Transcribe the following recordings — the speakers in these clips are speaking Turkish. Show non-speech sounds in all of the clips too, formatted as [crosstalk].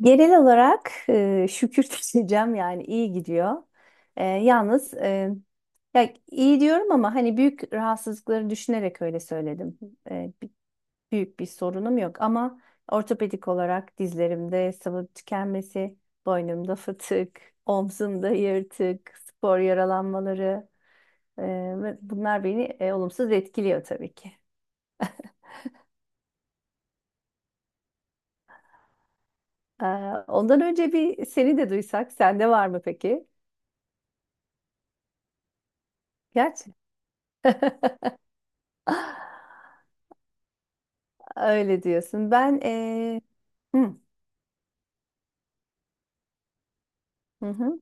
Genel olarak şükür [laughs] diyeceğim yani iyi gidiyor. E, yalnız e, ya iyi diyorum ama hani büyük rahatsızlıkları düşünerek öyle söyledim. E, bi- büyük bir sorunum yok ama ortopedik olarak dizlerimde sıvı tükenmesi, boynumda [laughs] fıtık, omzumda yırtık, spor yaralanmaları e, ve bunlar beni olumsuz etkiliyor tabii ki. E, Ondan önce bir seni de duysak, sende var mı peki? Gerçi. [laughs] Öyle diyorsun. Ben hı, hı hı,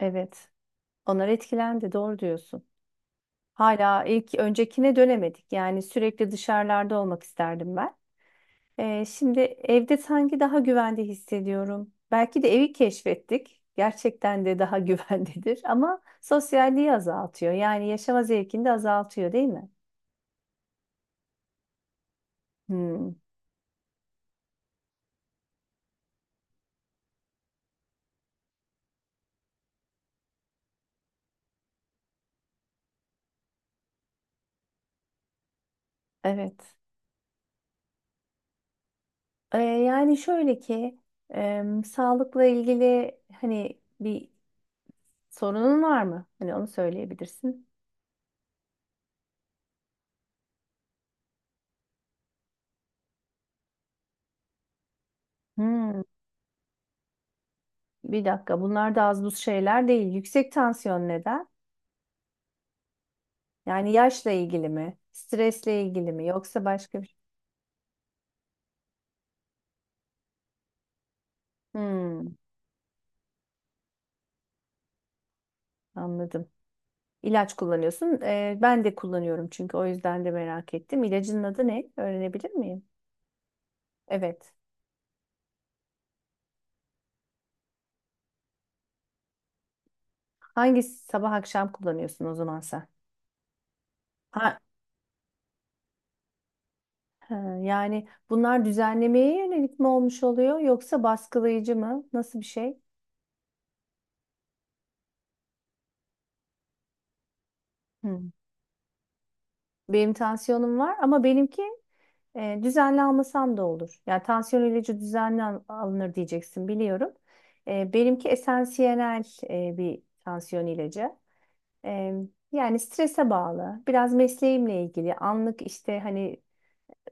evet. Onlar etkilendi. Doğru diyorsun. Hala ilk öncekine dönemedik. Yani sürekli dışarılarda olmak isterdim ben. Şimdi evde sanki daha güvende hissediyorum. Belki de evi keşfettik. Gerçekten de daha [laughs] güvendedir. Ama sosyalliği azaltıyor. Yani yaşama zevkini de azaltıyor, değil mi? Hmm, evet. Yani şöyle ki sağlıkla ilgili hani bir sorunun var mı? Hani onu söyleyebilirsin. Hmm, bir dakika. Bunlar da az buz şeyler değil. Yüksek tansiyon neden? Yani yaşla ilgili mi? Stresle ilgili mi? Yoksa başka bir şey? Hmm, anladım. İlaç kullanıyorsun. Ben de kullanıyorum çünkü o yüzden de merak ettim. İlacın adı ne? Öğrenebilir miyim? Evet. Hangi sabah akşam kullanıyorsun o zaman sen? Ha, ha, yani bunlar düzenlemeye yönelik mi olmuş oluyor yoksa baskılayıcı mı? Nasıl bir şey? Hı. Benim tansiyonum var ama benimki düzenli almasam da olur. Yani tansiyon ilacı düzenli alınır diyeceksin biliyorum. Benimki esansiyel bir tansiyon ilacı. E, Yani strese bağlı, biraz mesleğimle ilgili, anlık işte hani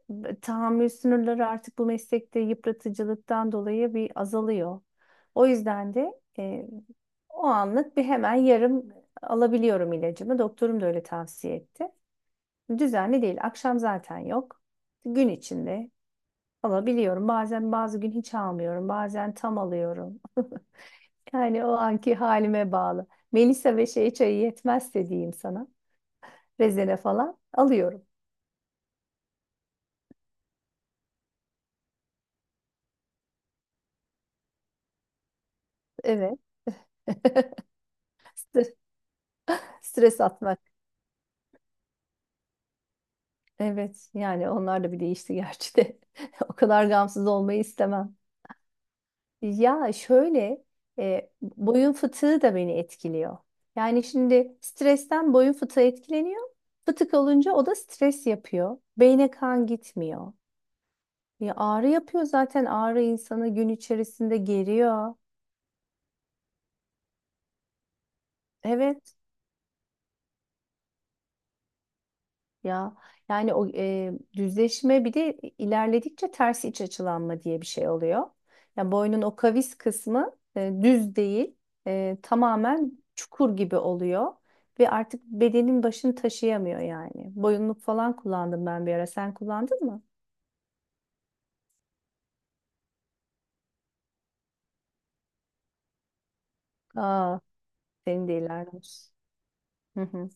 tahammül sınırları artık bu meslekte yıpratıcılıktan dolayı bir azalıyor. O yüzden de o anlık bir hemen yarım alabiliyorum ilacımı. Doktorum da öyle tavsiye etti. Düzenli değil. Akşam zaten yok. Gün içinde alabiliyorum. Bazen bazı gün hiç almıyorum. Bazen tam alıyorum. [laughs] Yani o anki halime bağlı. Melisa ve şey çayı yetmezse diyeyim sana. Rezene falan alıyorum. Evet. [laughs] Stres stres atmak. Evet. Yani onlar da bir değişti gerçi de. [laughs] O kadar gamsız olmayı istemem. Ya şöyle boyun fıtığı da beni etkiliyor. Yani şimdi stresten boyun fıtığı etkileniyor. Fıtık olunca o da stres yapıyor. Beyne kan gitmiyor. Ya ağrı yapıyor zaten ağrı insanı gün içerisinde geriyor. Evet. Ya yani o düzleşme bir de ilerledikçe ters iç açılanma diye bir şey oluyor. Yani boynun o kavis kısmı düz değil, tamamen çukur gibi oluyor ve artık bedenin başını taşıyamıyor yani. Boyunluk falan kullandım ben bir ara. Sen kullandın mı? Aa, senin de ilerlemiş. Hı hı.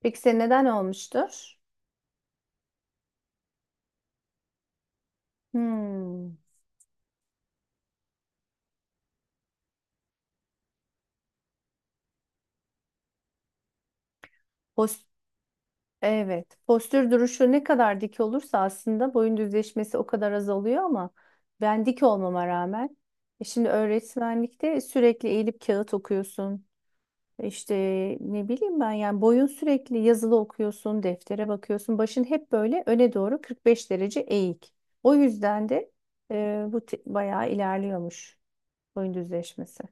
Peki senin neden olmuştur? Hmm. Evet. Postür duruşu ne kadar dik olursa aslında boyun düzleşmesi o kadar azalıyor ama ben dik olmama rağmen e şimdi öğretmenlikte sürekli eğilip kağıt okuyorsun. İşte ne bileyim ben yani boyun sürekli yazılı okuyorsun, deftere bakıyorsun. Başın hep böyle öne doğru 45 derece eğik. O yüzden de bayağı ilerliyormuş boyun düzleşmesi.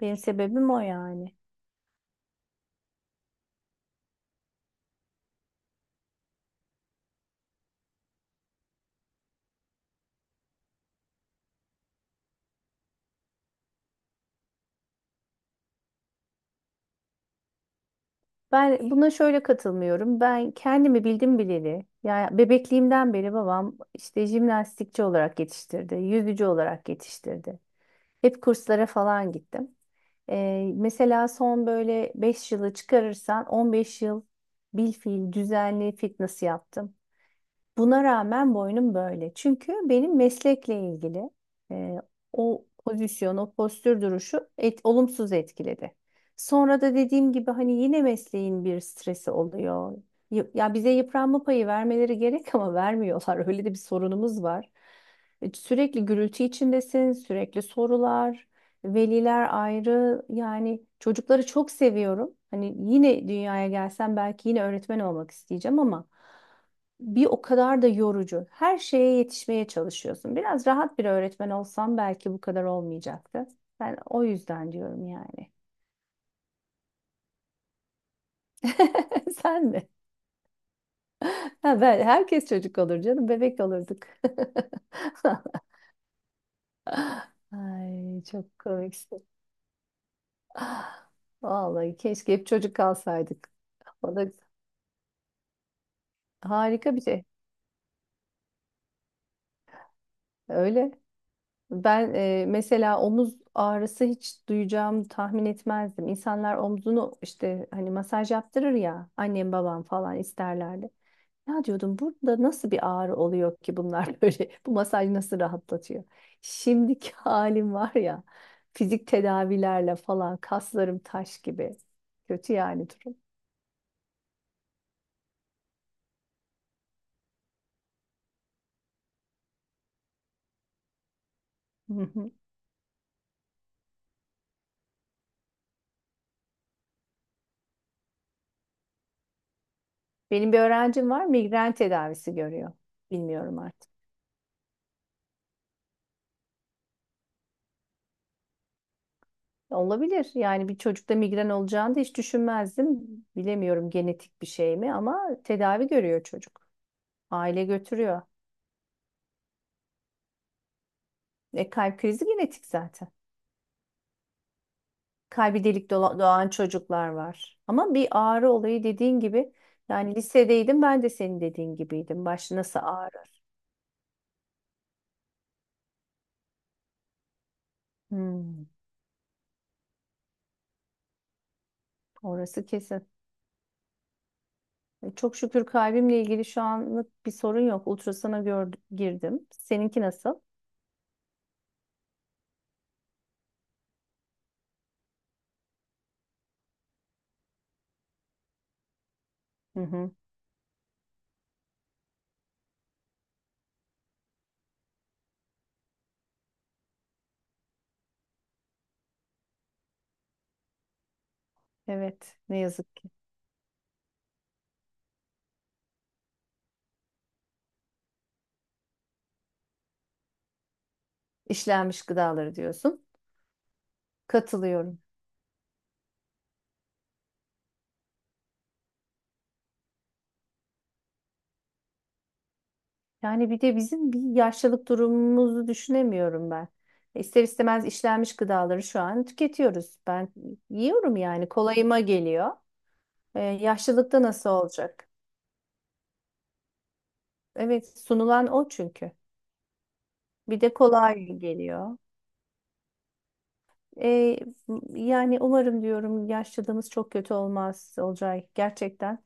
Benim sebebim o yani. Ben buna şöyle katılmıyorum. Ben kendimi bildim bileli, yani bebekliğimden beri babam işte jimnastikçi olarak yetiştirdi, yüzücü olarak yetiştirdi. Hep kurslara falan gittim. Mesela son böyle 5 yılı çıkarırsan 15 yıl bilfiil düzenli fitness yaptım. Buna rağmen boynum böyle. Çünkü benim meslekle ilgili e, o pozisyon, o postür duruşu olumsuz etkiledi. Sonra da dediğim gibi hani yine mesleğin bir stresi oluyor. Ya bize yıpranma payı vermeleri gerek ama vermiyorlar. [laughs] Öyle de bir sorunumuz var. Sürekli gürültü içindesin, sürekli sorular, veliler ayrı. Yani çocukları çok seviyorum. Hani yine dünyaya gelsem belki yine öğretmen olmak isteyeceğim ama bir o kadar da yorucu. Her şeye yetişmeye çalışıyorsun. Biraz rahat bir öğretmen olsam belki bu kadar olmayacaktı. Ben o yüzden diyorum yani. [laughs] Sen mi? Ha, ben, herkes çocuk olur canım. Bebek olurduk. [laughs] Ay çok komiksin. Vallahi keşke hep çocuk kalsaydık. O da harika bir şey. Öyle. Ben mesela omuz ağrısı hiç duyacağımı tahmin etmezdim. İnsanlar omzunu işte hani masaj yaptırır ya annem babam falan isterlerdi. Ya diyordum burada nasıl bir ağrı oluyor ki bunlar [laughs] böyle bu masaj nasıl rahatlatıyor? Şimdiki halim var ya fizik tedavilerle falan kaslarım taş gibi. Kötü yani durum. [laughs] Benim bir öğrencim var migren tedavisi görüyor. Bilmiyorum artık. Olabilir. Yani bir çocukta migren olacağını da hiç düşünmezdim. Bilemiyorum genetik bir şey mi ama tedavi görüyor çocuk. Aile götürüyor. E kalp krizi genetik zaten. Kalbi doğan çocuklar var. Ama bir ağrı olayı dediğin gibi yani lisedeydim ben de senin dediğin gibiydim. Baş nasıl ağrır? Hmm, orası kesin. Çok şükür kalbimle ilgili şu anlık bir sorun yok. Ultrasana gördüm, girdim. Seninki nasıl? Hı hı. Evet, ne yazık ki. İşlenmiş gıdaları diyorsun. Katılıyorum. Yani bir de bizim bir yaşlılık durumumuzu düşünemiyorum ben. İster istemez işlenmiş gıdaları şu an tüketiyoruz. Ben yiyorum yani kolayıma geliyor. Yaşlılıkta nasıl olacak? Evet sunulan o çünkü. Bir de kolay geliyor. Ee, Yani umarım diyorum yaşlılığımız çok kötü olmaz Olcay. Gerçekten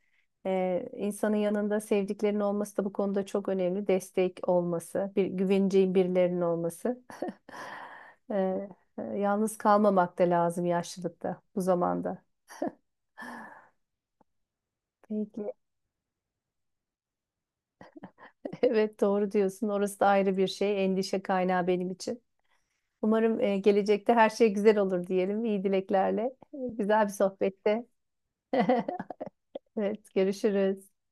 insanın yanında sevdiklerinin olması da bu konuda çok önemli. Destek olması, bir güveneceğin birilerinin olması. [laughs] Ee, Yalnız kalmamak da lazım yaşlılıkta bu zamanda. Peki. [laughs] Evet doğru diyorsun. Orası da ayrı bir şey. Endişe kaynağı benim için. Umarım gelecekte her şey güzel olur diyelim. İyi dileklerle. Güzel bir sohbette. [laughs] Evet görüşürüz.